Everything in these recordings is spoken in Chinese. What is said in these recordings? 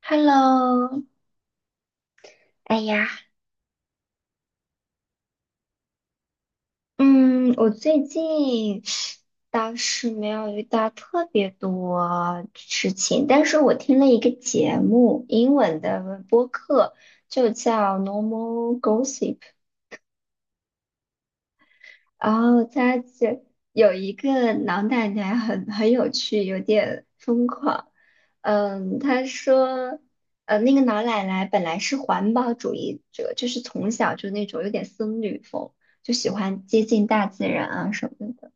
Hello，哎呀，嗯，我最近倒是没有遇到特别多事情，但是我听了一个节目，英文的，就叫《Normal Gossip》，然后他这有一个老奶奶很有趣，有点疯狂。嗯，她说，那个老奶奶本来是环保主义者，就是从小就那种有点僧侣风，就喜欢接近大自然啊什么的。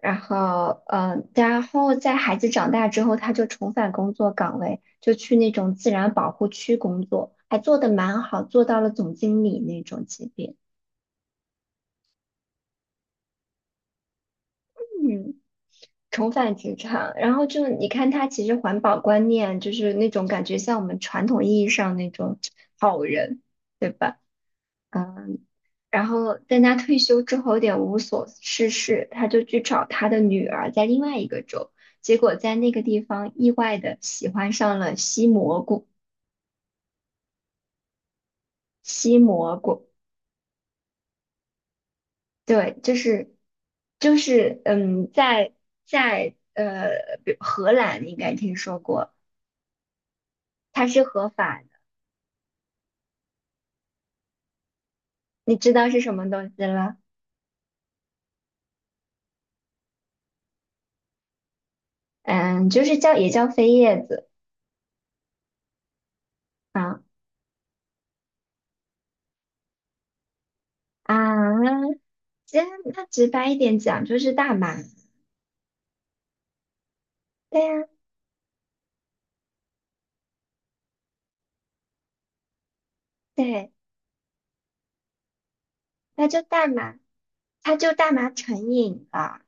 然后，然后在孩子长大之后，她就重返工作岗位，就去那种自然保护区工作，还做得蛮好，做到了总经理那种级别。嗯。重返职场，然后就你看他其实环保观念就是那种感觉像我们传统意义上那种好人，对吧？嗯，然后但他退休之后有点无所事事，他就去找他的女儿在另外一个州，结果在那个地方意外的喜欢上了吸蘑菇，吸蘑菇，对，就是就是嗯，在在呃，比荷兰你应该听说过，它是合法。你知道是什么东西了？嗯，就是叫也叫飞叶子啊啊，这样那直白一点讲就是大麻，对呀、对，那就大麻，它就大麻成瘾了。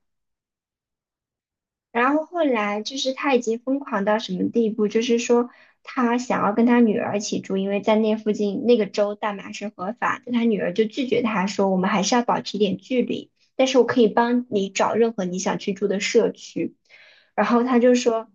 然后后来就是他已经疯狂到什么地步，就是说他想要跟他女儿一起住，因为在那附近那个州大麻是合法的，他女儿就拒绝他说我们还是要保持一点距离，但是我可以帮你找任何你想去住的社区。然后他就说。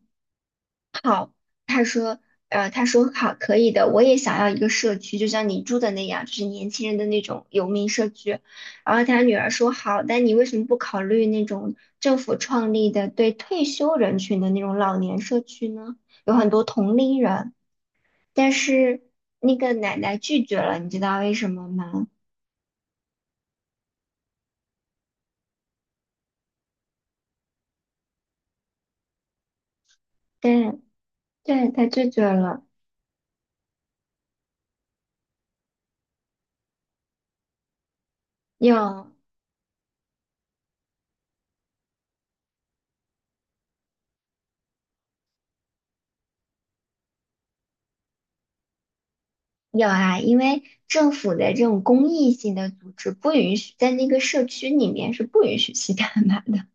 他说，他说好，可以的，我也想要一个社区，就像你住的那样，就是年轻人的那种游民社区。然后他女儿说好，但你为什么不考虑那种政府创立的对退休人群的那种老年社区呢？有很多同龄人，但是那个奶奶拒绝了，你知道为什么吗？对，对，她拒绝了。有有啊，因为政府的这种公益性的组织不允许在那个社区里面是不允许吸大麻的。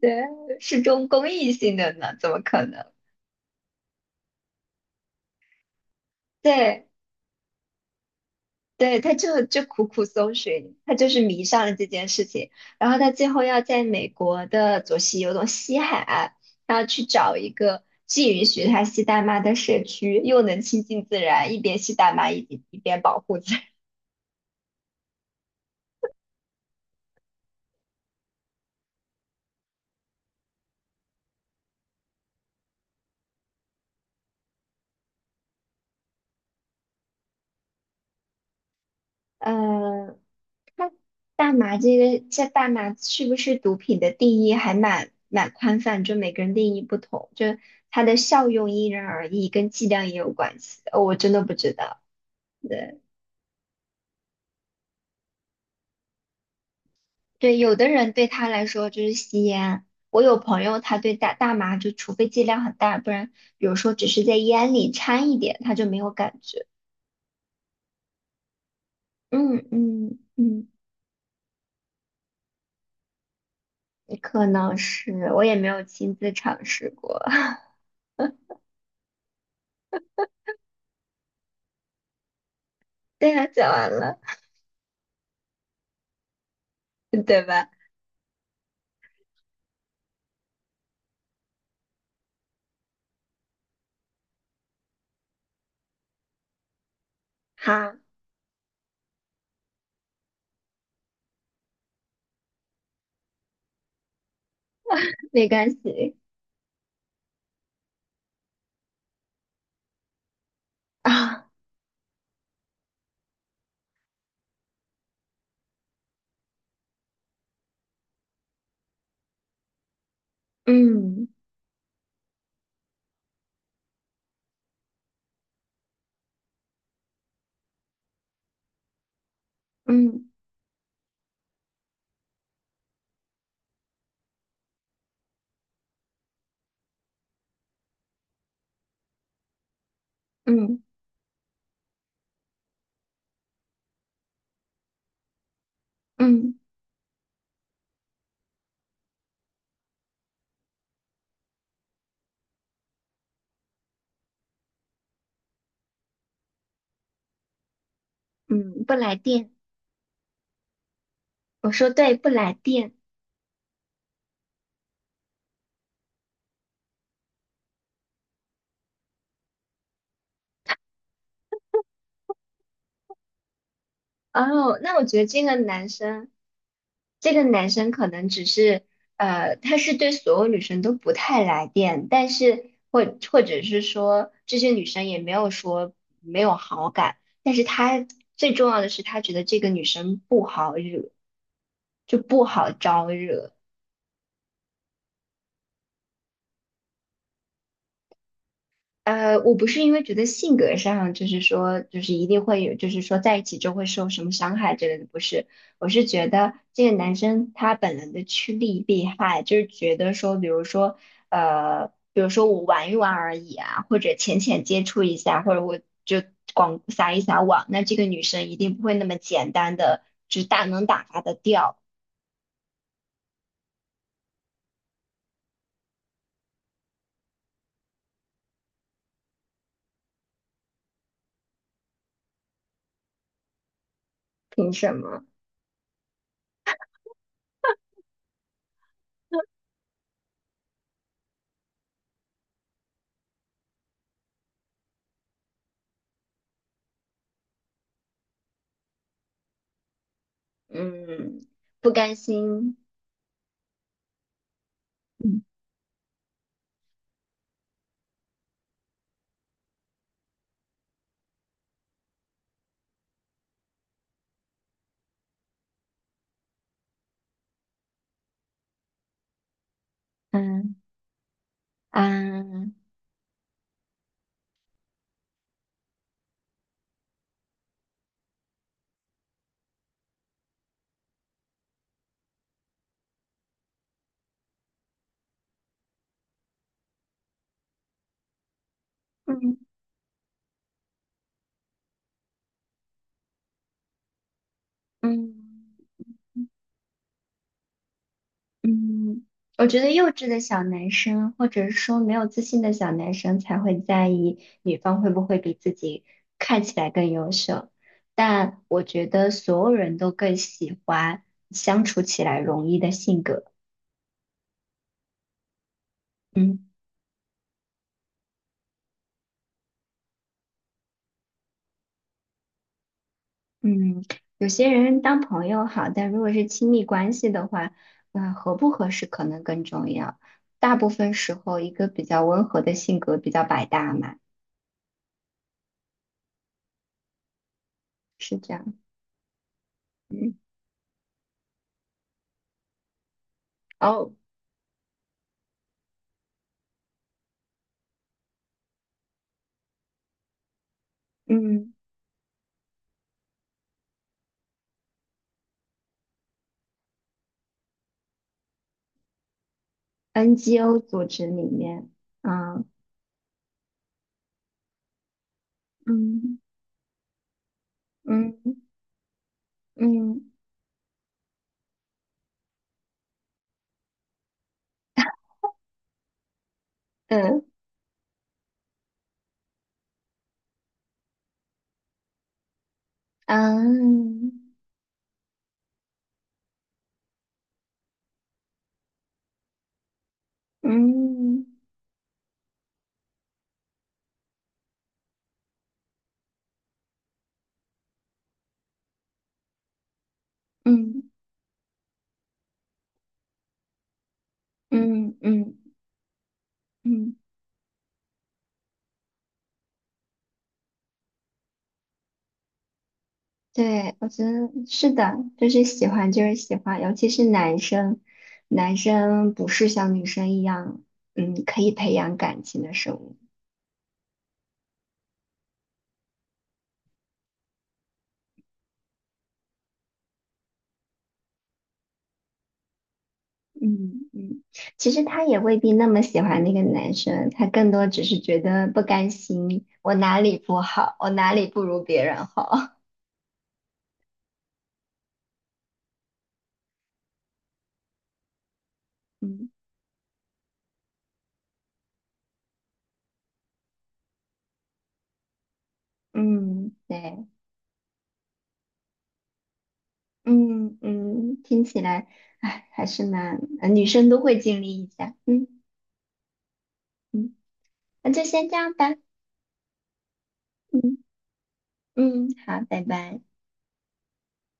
对，是中公益性的呢，怎么可能？对，对，他就苦苦搜寻，他就是迷上了这件事情，然后他最后要在美国的左西有种西海岸，他要去找一个既允许他吸大麻的社区，又能亲近自然，一边吸大麻一边保护自然 嗯，那大麻这个，这大麻是不是毒品的定义还蛮宽泛，就每个人定义不同，就它的效用因人而异，跟剂量也有关系。哦，我真的不知道。对对，有的人对他来说就是吸烟，我有朋友他对大麻就除非剂量很大，不然比如说只是在烟里掺一点，他就没有感觉。嗯嗯嗯，可能是，我也没有亲自尝试过。对呀，讲完了，对吧？好。没关系啊，嗯嗯嗯嗯嗯，不来电，我说对，不来电。哦，那我觉得这个男生，这个男生可能只是，他是对所有女生都不太来电，但是或者是说这些女生也没有说没有好感，但是他最重要的是他觉得这个女生不好惹，就不好招惹。我不是因为觉得性格上就是说，就是一定会有，就是说在一起就会受什么伤害之类的，不是。我是觉得这个男生他本能的趋利避害，就是觉得说，比如说，比如说我玩一玩而已啊，或者浅浅接触一下，或者我就广撒网，那这个女生一定不会那么简单的，就是大能打发的掉，凭什么？嗯，不甘心，嗯嗯嗯嗯。嗯嗯，我觉得幼稚的小男生，或者是说没有自信的小男生，才会在意女方会不会比自己看起来更优秀。但我觉得所有人都更喜欢相处起来容易的性格。嗯嗯，有些人当朋友好，但如果是亲密关系的话，那合不合适可能更重要。大部分时候，一个比较温和的性格比较百搭嘛，是这样。嗯，哦。嗯，NGO 组织里面，嗯嗯，嗯嗯嗯嗯嗯嗯嗯嗯嗯，对，我觉得是的，就是喜欢就是喜欢，尤其是男生，男生不是像女生一样，嗯，可以培养感情的生物。嗯嗯，其实他也未必那么喜欢那个男生，他更多只是觉得不甘心，我哪里不好，我哪里不如别人好。嗯。嗯，对，嗯嗯，听起来，哎，还是蛮，女生都会经历一下，嗯嗯，那就先这样吧，嗯嗯，好，拜拜。